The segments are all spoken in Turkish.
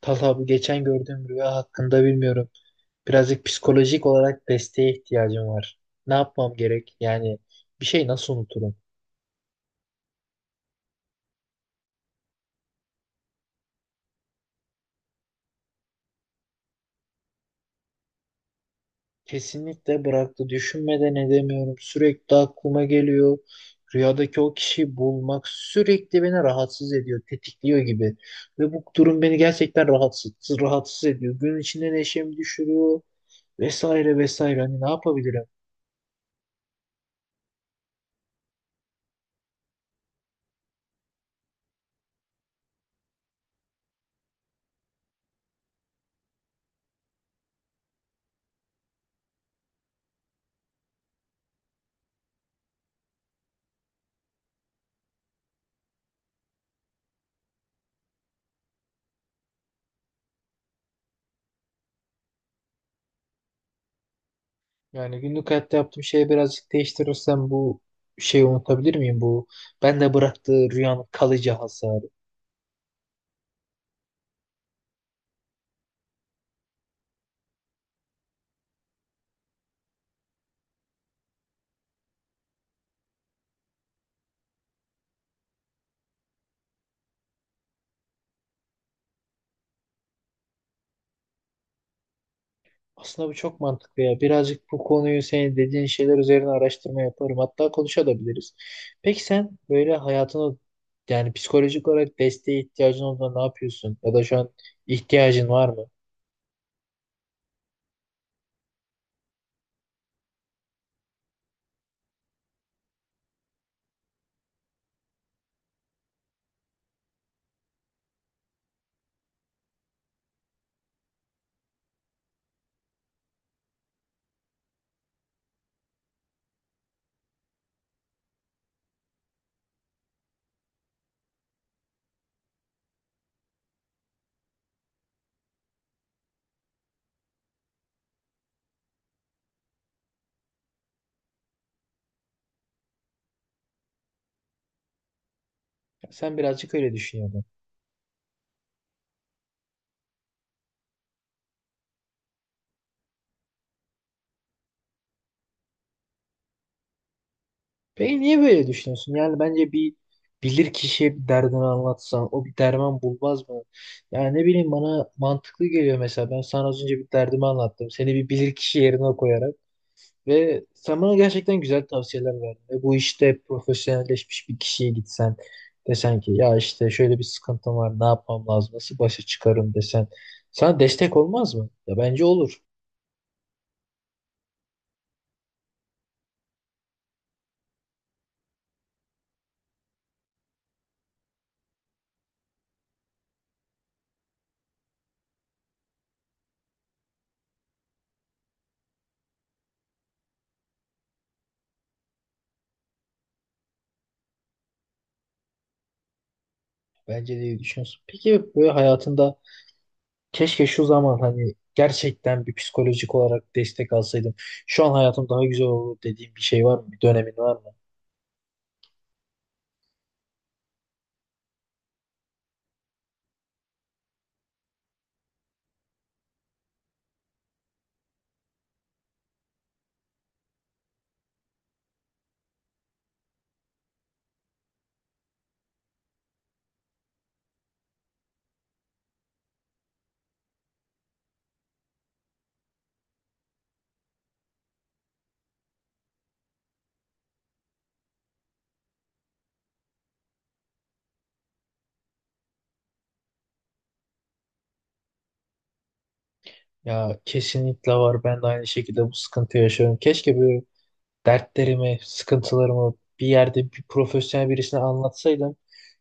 Talha, bu geçen gördüğüm rüya hakkında bilmiyorum. Birazcık psikolojik olarak desteğe ihtiyacım var. Ne yapmam gerek? Yani bir şey nasıl unuturum? Kesinlikle bıraktı. Düşünmeden edemiyorum. Sürekli aklıma geliyor. Rüyadaki o kişiyi bulmak sürekli beni rahatsız ediyor, tetikliyor gibi. Ve bu durum beni gerçekten rahatsız ediyor. Gün içinde neşemi düşürüyor vesaire vesaire. Hani ne yapabilirim? Yani günlük hayatta yaptığım şeyi birazcık değiştirirsem bu şeyi unutabilir miyim? Bu ben de bıraktığı rüyanın kalıcı hasarı. Aslında bu çok mantıklı ya. Birazcık bu konuyu senin dediğin şeyler üzerine araştırma yaparım. Hatta konuşabiliriz. Peki sen böyle hayatını, yani psikolojik olarak desteğe ihtiyacın olduğunda ne yapıyorsun? Ya da şu an ihtiyacın var mı? Sen birazcık öyle düşün ya. Peki niye böyle düşünüyorsun? Yani bence bir bilir kişiye bir derdini anlatsan o bir derman bulmaz mı? Yani ne bileyim, bana mantıklı geliyor mesela. Ben sana az önce bir derdimi anlattım. Seni bir bilir kişi yerine koyarak ve sen bana gerçekten güzel tavsiyeler verdin. Ve bu işte profesyonelleşmiş bir kişiye gitsen, desen ki ya işte şöyle bir sıkıntım var, ne yapmam lazım, nasıl başa çıkarım desen sana destek olmaz mı? Ya bence olur. Bence de iyi düşünüyorsun. Peki böyle hayatında, keşke şu zaman hani gerçekten bir psikolojik olarak destek alsaydım, şu an hayatım daha güzel olur dediğim bir şey var mı? Bir dönemin var mı? Ya kesinlikle var. Ben de aynı şekilde bu sıkıntı yaşıyorum. Keşke böyle dertlerimi, sıkıntılarımı bir yerde bir profesyonel birisine anlatsaydım.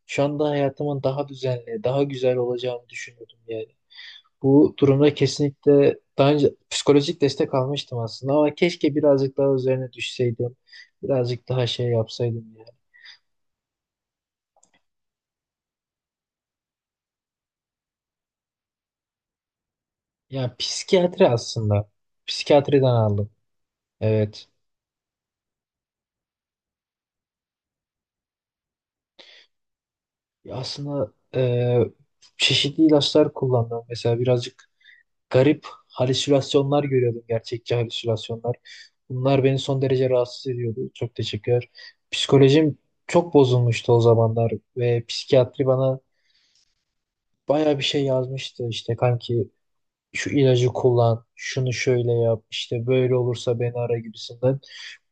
Şu anda hayatımın daha düzenli, daha güzel olacağını düşünüyordum yani. Bu durumda kesinlikle daha önce psikolojik destek almıştım aslında ama keşke birazcık daha üzerine düşseydim. Birazcık daha şey yapsaydım. Ya psikiyatri aslında. Psikiyatriden aldım. Evet. Ya aslında çeşitli ilaçlar kullandım. Mesela birazcık garip halüsinasyonlar görüyordum. Gerçekçi halüsinasyonlar. Bunlar beni son derece rahatsız ediyordu. Çok teşekkürler. Psikolojim çok bozulmuştu o zamanlar ve psikiyatri bana baya bir şey yazmıştı. İşte kanki şu ilacı kullan, şunu şöyle yap, işte böyle olursa beni ara gibisinden.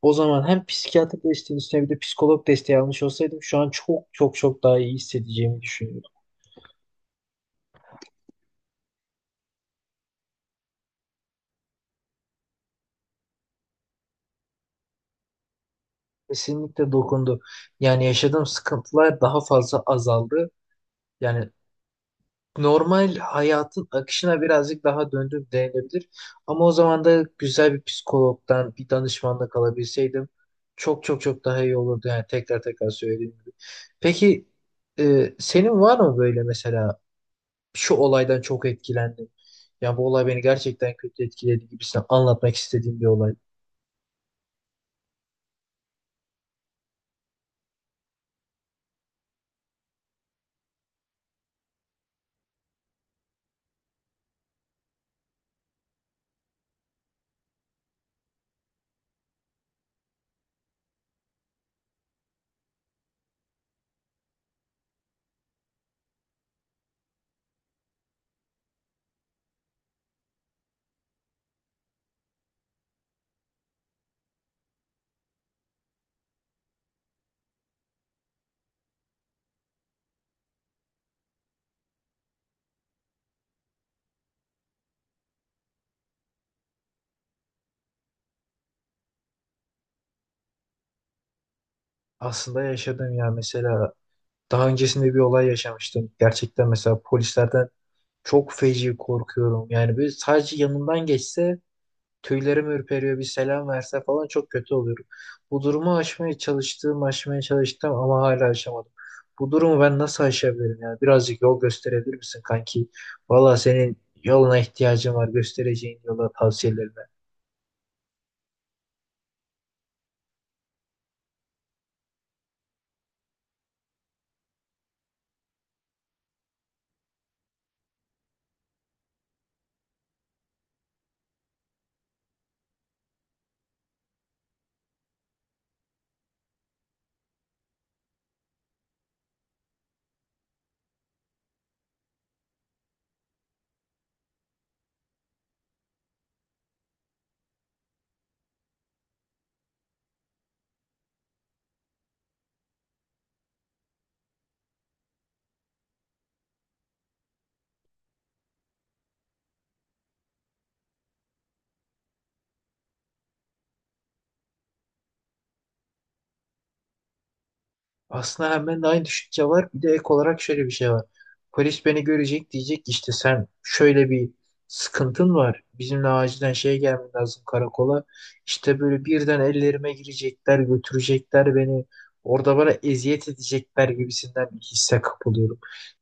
O zaman hem psikiyatrik desteğin üstüne bir de psikolog desteği almış olsaydım şu an çok çok çok daha iyi hissedeceğimi düşünüyorum. Kesinlikle dokundu. Yani yaşadığım sıkıntılar daha fazla azaldı. Yani normal hayatın akışına birazcık daha döndüm denilebilir. Ama o zaman da güzel bir psikologdan bir danışmanlık alabilseydim çok çok çok daha iyi olurdu. Yani tekrar tekrar söylediğim gibi. Peki senin var mı böyle mesela şu olaydan çok etkilendim, ya bu olay beni gerçekten kötü etkiledi gibisinden anlatmak istediğim bir olay? Aslında yaşadım ya. Mesela daha öncesinde bir olay yaşamıştım. Gerçekten mesela polislerden çok feci korkuyorum. Yani böyle sadece yanından geçse, tüylerim ürperiyor, bir selam verse falan çok kötü oluyorum. Bu durumu aşmaya çalıştım, aşmaya çalıştım ama hala aşamadım. Bu durumu ben nasıl aşabilirim ya? Birazcık yol gösterebilir misin kanki? Valla senin yoluna ihtiyacım var. Göstereceğin yola, tavsiyelerine. Aslında hemen de aynı düşünce var. Bir de ek olarak şöyle bir şey var. Polis beni görecek, diyecek ki işte sen şöyle bir sıkıntın var, bizimle acilen şeye gelmen lazım karakola. İşte böyle birden ellerime girecekler, götürecekler beni. Orada bana eziyet edecekler gibisinden bir hisse kapılıyorum.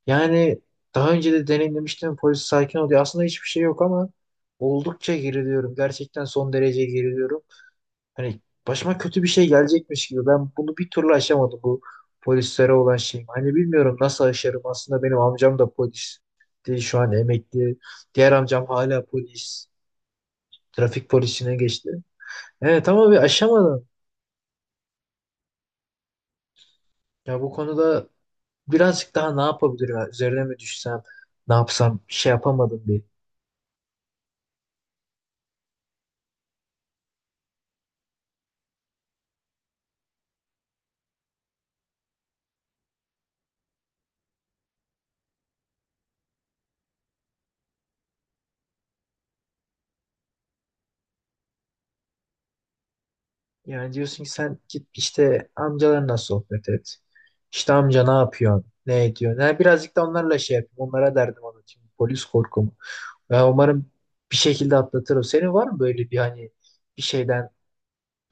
Yani daha önce de deneyimlemiştim, polis sakin oluyor. Aslında hiçbir şey yok ama oldukça geriliyorum. Gerçekten son derece geriliyorum. Hani başıma kötü bir şey gelecekmiş gibi. Ben bunu bir türlü aşamadım, bu polislere olan şeyim. Hani bilmiyorum nasıl aşarım. Aslında benim amcam da polis. Şu an emekli. Diğer amcam hala polis. Trafik polisine geçti. Evet ama bir aşamadım. Ya bu konuda birazcık daha ne yapabilirim? Ya üzerine mi düşsem? Ne yapsam? Bir şey yapamadım bir. Yani diyorsun ki sen git işte amcalarla sohbet et. İşte amca ne yapıyor, ne ediyor? Yani birazcık da onlarla şey yapayım. Onlara derdim anlatayım. Polis korkumu. Ya umarım bir şekilde atlatırım. Senin var mı böyle bir, hani bir şeyden,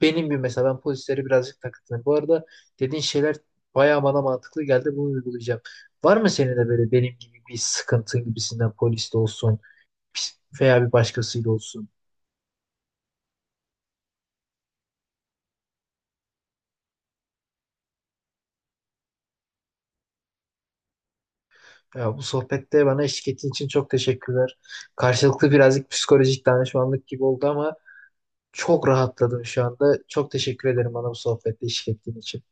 benim gibi mesela? Ben polislere birazcık takıntılıyım. Bu arada dediğin şeyler bayağı bana mantıklı geldi. Bunu uygulayacağım. Var mı senin de böyle benim gibi bir sıkıntın gibisinden, poliste olsun, veya bir başkasıyla olsun? Ya bu sohbette bana eşlik ettiğin için çok teşekkürler. Karşılıklı birazcık psikolojik danışmanlık gibi oldu ama çok rahatladım şu anda. Çok teşekkür ederim bana bu sohbette eşlik ettiğin için.